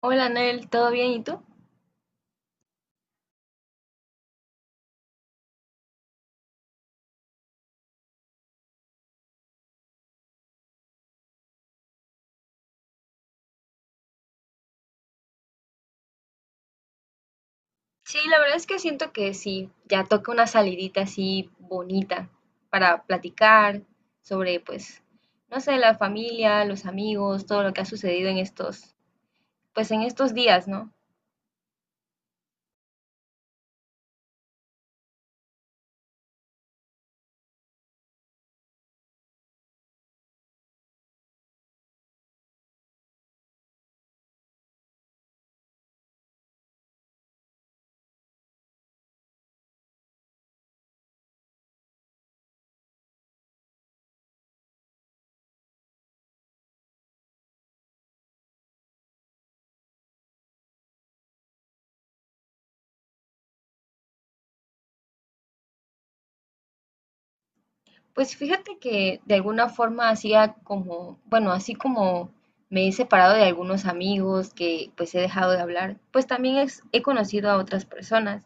Hola Noel, ¿todo bien? ¿Y tú? Sí, la verdad es que siento que sí, ya toca una salidita así bonita para platicar sobre, pues, no sé, la familia, los amigos, todo lo que ha sucedido en estos, pues en estos días, ¿no? Pues fíjate que de alguna forma hacía como, bueno, así como me he separado de algunos amigos que pues he dejado de hablar, pues también he conocido a otras personas.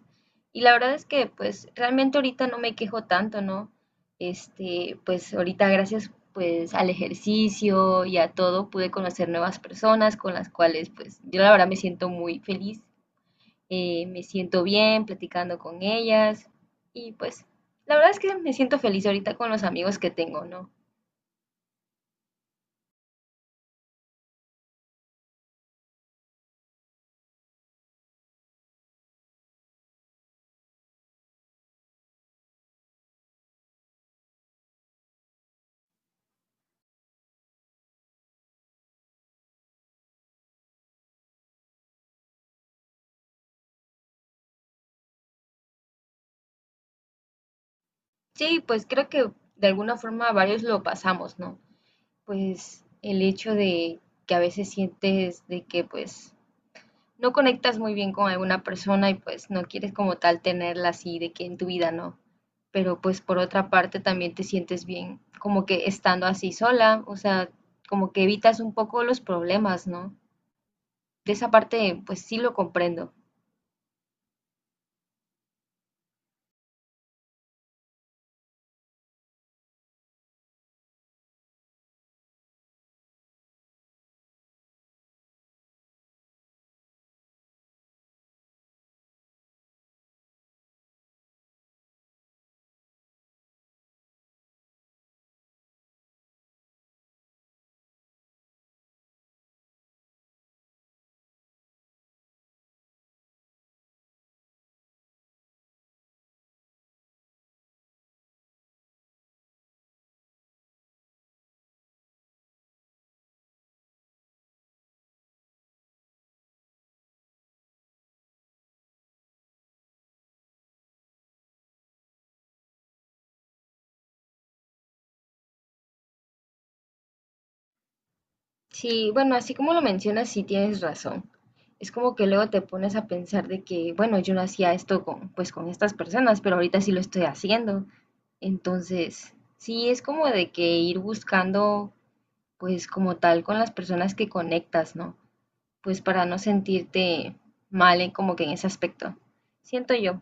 Y la verdad es que pues realmente ahorita no me quejo tanto, ¿no? Este, pues ahorita gracias pues al ejercicio y a todo pude conocer nuevas personas con las cuales pues yo la verdad me siento muy feliz, me siento bien platicando con ellas y pues la verdad es que me siento feliz ahorita con los amigos que tengo, ¿no? Sí, pues creo que de alguna forma varios lo pasamos, ¿no? Pues el hecho de que a veces sientes de que pues no conectas muy bien con alguna persona y pues no quieres como tal tenerla así de que en tu vida, ¿no? Pero pues por otra parte también te sientes bien como que estando así sola, o sea, como que evitas un poco los problemas, ¿no? De esa parte, pues sí lo comprendo. Sí, bueno, así como lo mencionas, sí tienes razón. Es como que luego te pones a pensar de que, bueno, yo no hacía esto con, pues con estas personas, pero ahorita sí lo estoy haciendo. Entonces, sí es como de que ir buscando, pues como tal, con las personas que conectas, ¿no? Pues para no sentirte mal en, como que en ese aspecto. Siento yo.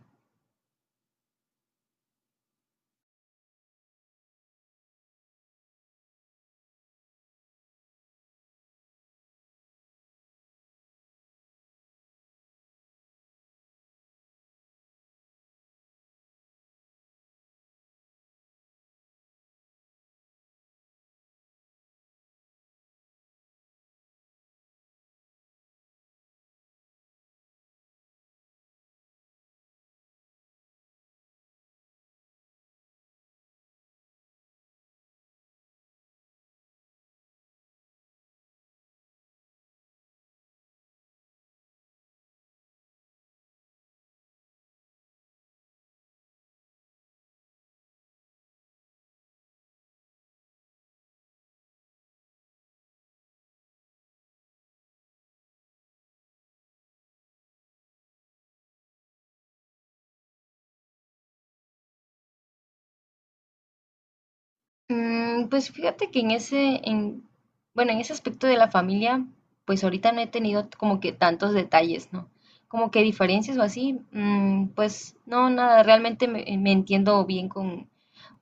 Mm, pues fíjate que en ese, en, bueno, en ese aspecto de la familia, pues ahorita no he tenido como que tantos detalles, ¿no? Como que diferencias o así, mm, pues no, nada, realmente me entiendo bien con,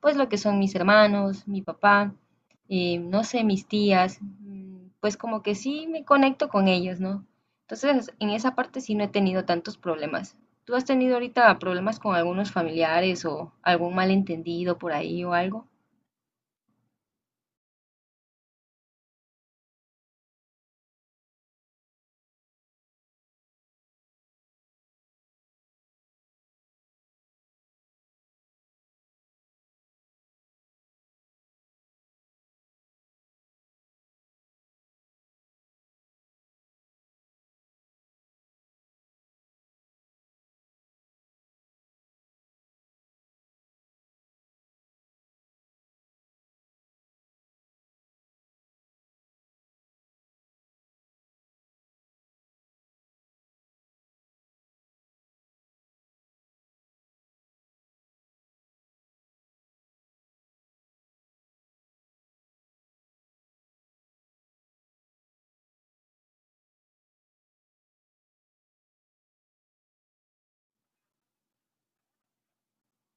pues lo que son mis hermanos, mi papá, no sé, mis tías, mm, pues como que sí me conecto con ellos, ¿no? Entonces, en esa parte sí no he tenido tantos problemas. ¿Tú has tenido ahorita problemas con algunos familiares o algún malentendido por ahí o algo?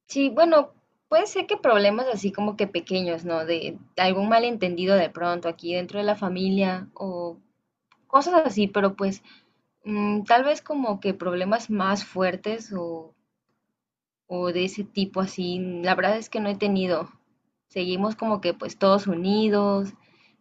Sí, bueno, puede ser que problemas así como que pequeños, ¿no? De algún malentendido de pronto aquí dentro de la familia o cosas así, pero pues, mm, tal vez como que problemas más fuertes o de ese tipo así, la verdad es que no he tenido. Seguimos como que pues todos unidos,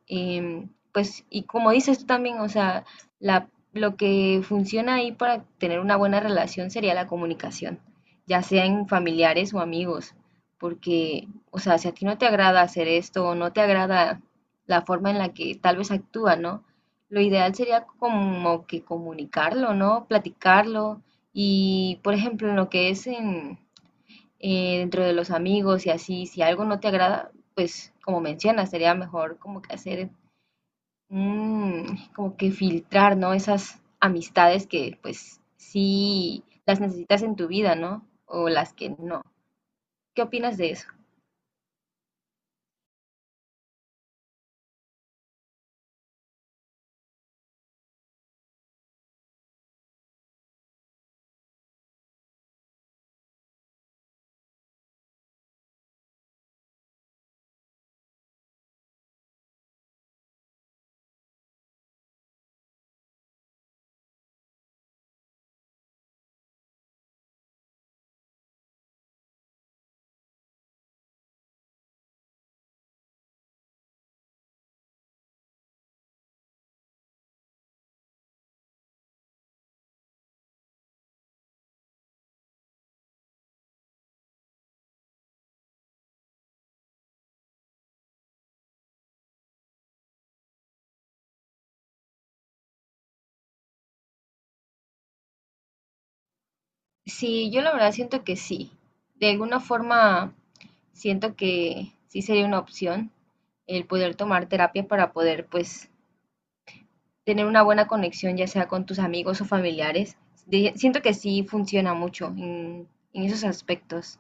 pues y como dices tú también, o sea, lo que funciona ahí para tener una buena relación sería la comunicación, ya sea en familiares o amigos, porque, o sea, si a ti no te agrada hacer esto o no te agrada la forma en la que tal vez actúa, ¿no? Lo ideal sería como que comunicarlo, ¿no? Platicarlo y, por ejemplo, en lo que es en, dentro de los amigos y así, si algo no te agrada, pues como mencionas, sería mejor como que hacer, mm, como que filtrar, ¿no? Esas amistades que pues sí las necesitas en tu vida, ¿no? O las que no. ¿Qué opinas de eso? Sí, yo la verdad siento que sí. De alguna forma siento que sí sería una opción el poder tomar terapia para poder pues tener una buena conexión, ya sea con tus amigos o familiares. Siento que sí funciona mucho en esos aspectos.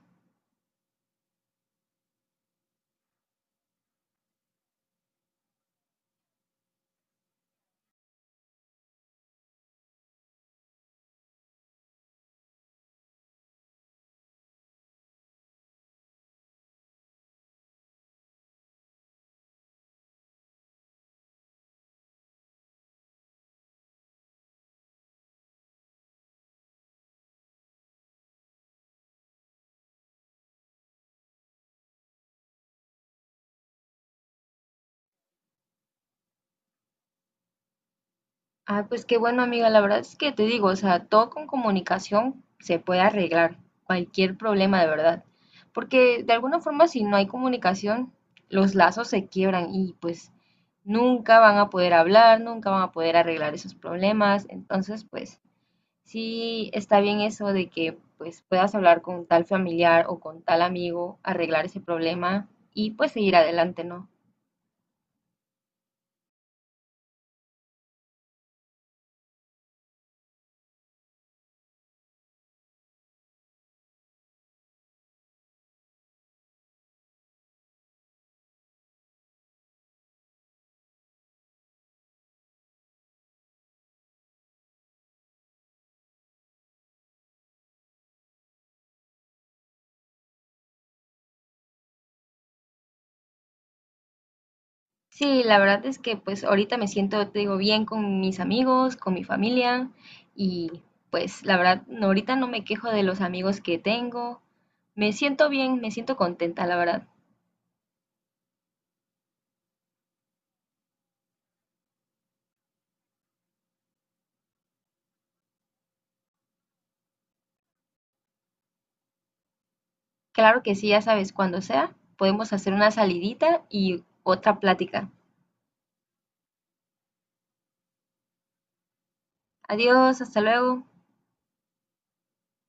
Ah, pues qué bueno, amiga. La verdad es que te digo, o sea, todo con comunicación se puede arreglar, cualquier problema de verdad. Porque de alguna forma, si no hay comunicación, los lazos se quiebran y pues nunca van a poder hablar, nunca van a poder arreglar esos problemas. Entonces, pues sí, está bien eso de que pues puedas hablar con tal familiar o con tal amigo, arreglar ese problema y pues seguir adelante, ¿no? Sí, la verdad es que pues ahorita me siento, te digo, bien con mis amigos, con mi familia y pues la verdad no, ahorita no me quejo de los amigos que tengo. Me siento bien, me siento contenta, la verdad. Claro que sí, ya sabes, cuando sea, podemos hacer una salidita y otra plática. Adiós, hasta luego.